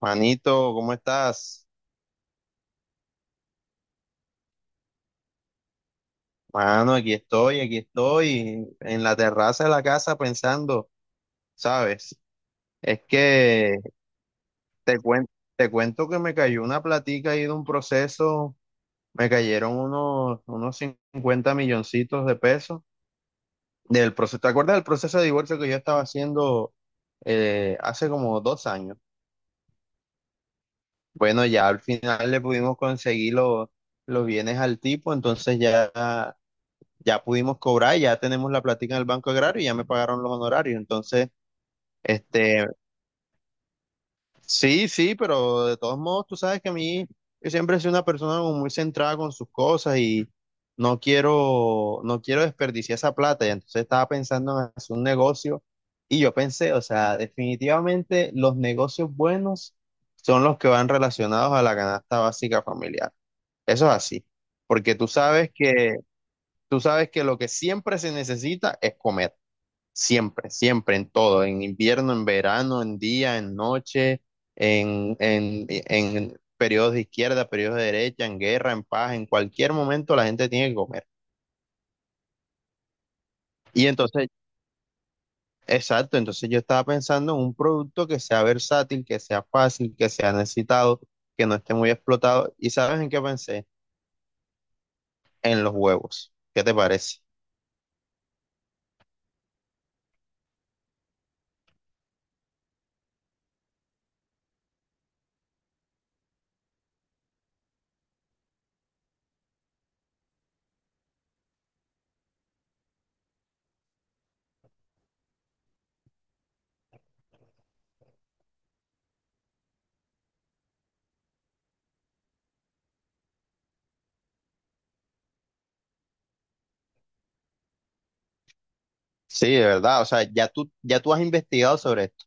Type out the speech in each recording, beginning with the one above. Manito, ¿cómo estás? Mano, aquí estoy, en la terraza de la casa pensando, ¿sabes? Es que te cuento, te cuento que me cayó una platica ahí de un proceso, me cayeron unos 50 milloncitos de pesos del proceso. ¿Te acuerdas del proceso de divorcio que yo estaba haciendo hace como 2 años? Bueno, ya al final le pudimos conseguir los bienes al tipo, entonces ya pudimos cobrar, ya tenemos la platica en el Banco Agrario y ya me pagaron los honorarios. Entonces, este, sí, sí, pero de todos modos, tú sabes que a mí, yo siempre he sido una persona como muy centrada con sus cosas y no quiero, no quiero desperdiciar esa plata. Y entonces estaba pensando en hacer un negocio y yo pensé, o sea, definitivamente los negocios buenos son los que van relacionados a la canasta básica familiar. Eso es así, porque tú sabes que lo que siempre se necesita es comer. Siempre, siempre, en todo, en invierno, en verano, en día, en noche, en periodos de izquierda, periodos de derecha, en guerra, en paz, en cualquier momento la gente tiene que comer. Y entonces, exacto, entonces yo estaba pensando en un producto que sea versátil, que sea fácil, que sea necesitado, que no esté muy explotado. ¿Y sabes en qué pensé? En los huevos. ¿Qué te parece? Sí, de verdad, o sea, ya tú has investigado sobre esto,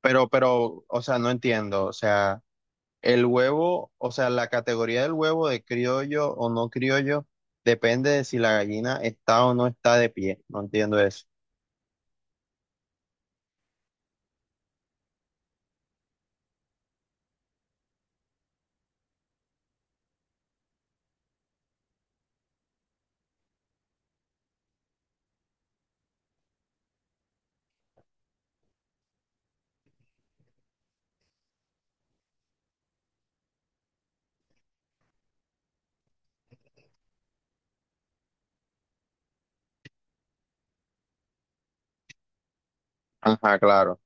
pero, o sea, no entiendo, o sea, el huevo, o sea, la categoría del huevo de criollo o no criollo depende de si la gallina está o no está de pie. No entiendo eso. Ajá, claro.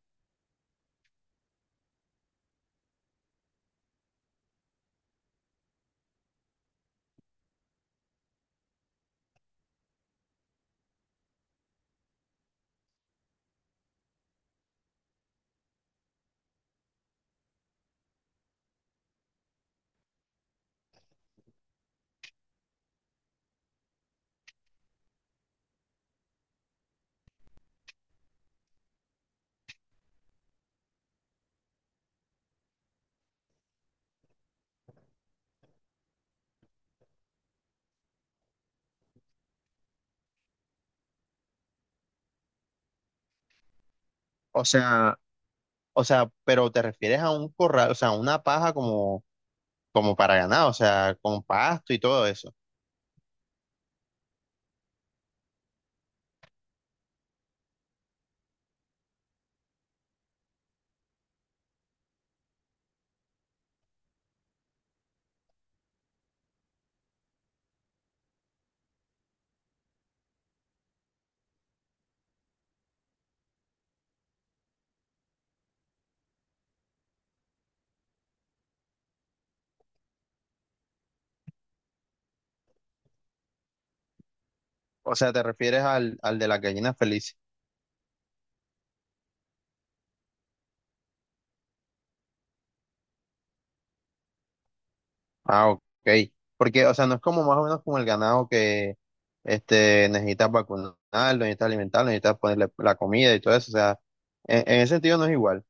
O sea, o sea, pero te refieres a un corral, o sea, una paja como para ganado, o sea, con pasto y todo eso. O sea, te refieres al de las gallinas felices. Ah, ok. Porque, o sea, no es como más o menos como el ganado que necesitas vacunarlo, necesitas alimentarlo, necesitas ponerle la comida y todo eso. O sea, en ese sentido no es igual.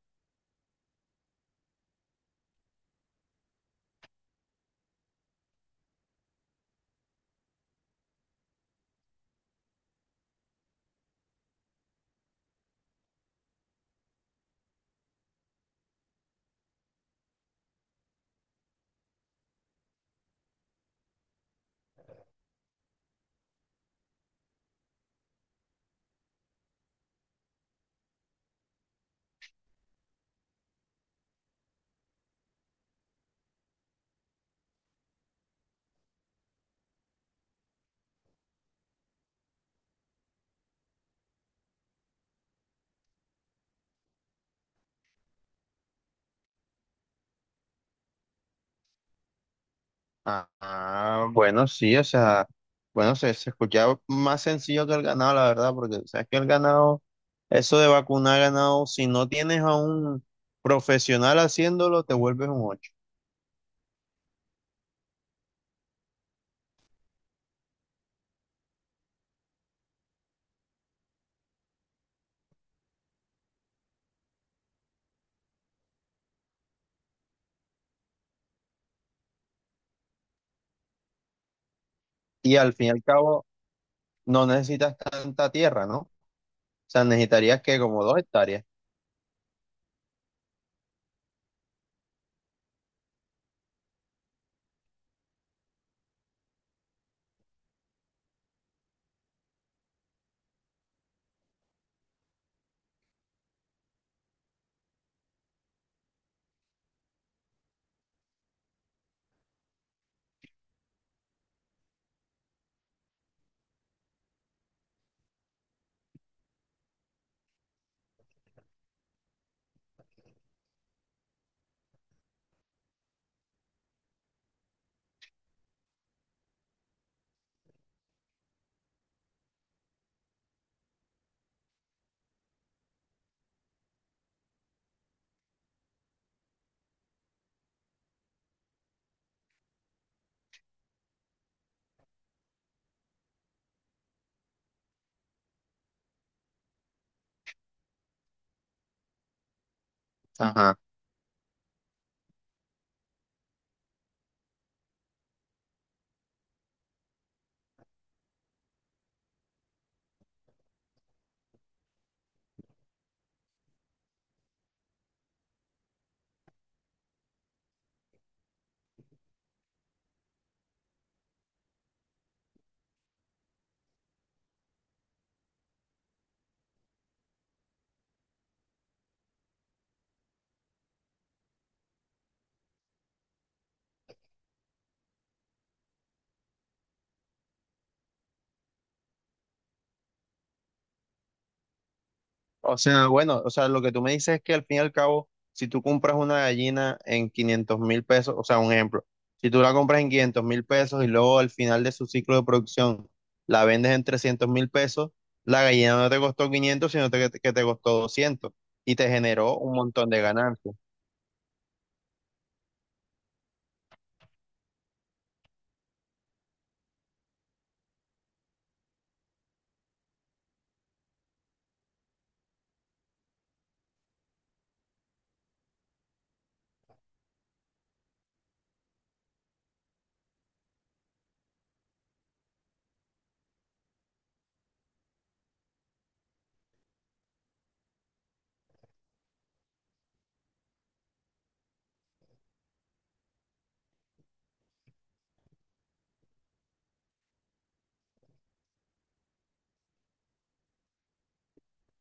Ah, ah, bueno, sí, o sea, bueno, se escuchaba más sencillo que el ganado, la verdad, porque sabes que el ganado, eso de vacunar ganado, si no tienes a un profesional haciéndolo, te vuelves un ocho. Y al fin y al cabo, no necesitas tanta tierra, ¿no? O sea, necesitarías que como 2 hectáreas. Ajá. O sea, bueno, o sea, lo que tú me dices es que al fin y al cabo, si tú compras una gallina en 500.000 pesos, o sea, un ejemplo, si tú la compras en 500.000 pesos y luego al final de su ciclo de producción la vendes en 300.000 pesos, la gallina no te costó 500, sino que te costó 200 y te generó un montón de ganancias.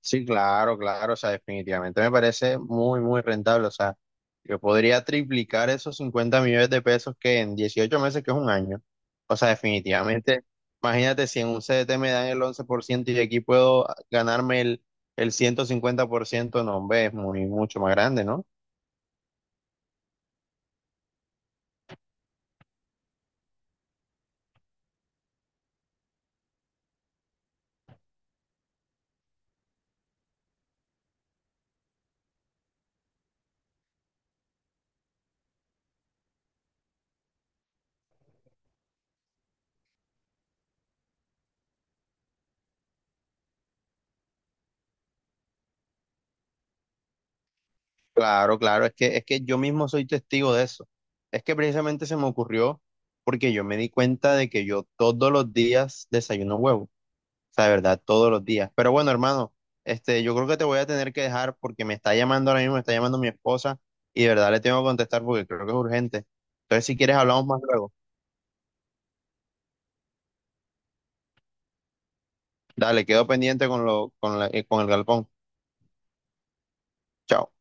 Sí, claro, claro, o sea, definitivamente me parece muy, muy rentable, o sea, yo podría triplicar esos 50 millones de pesos que en 18 meses, que es un año, o sea, definitivamente, imagínate si en un CDT me dan el 11% y aquí puedo ganarme el 150%, no, hombre, es muy, mucho más grande, ¿no? Claro, claro, es que yo mismo soy testigo de eso, es que precisamente se me ocurrió porque yo me di cuenta de que yo todos los días desayuno huevo. Sea, de verdad, todos los días. Pero bueno, hermano, yo creo que te voy a tener que dejar porque me está llamando ahora mismo, me está llamando mi esposa y de verdad le tengo que contestar porque creo que es urgente. Entonces, si quieres, hablamos más luego. Dale, quedo pendiente con con el galpón. Chao.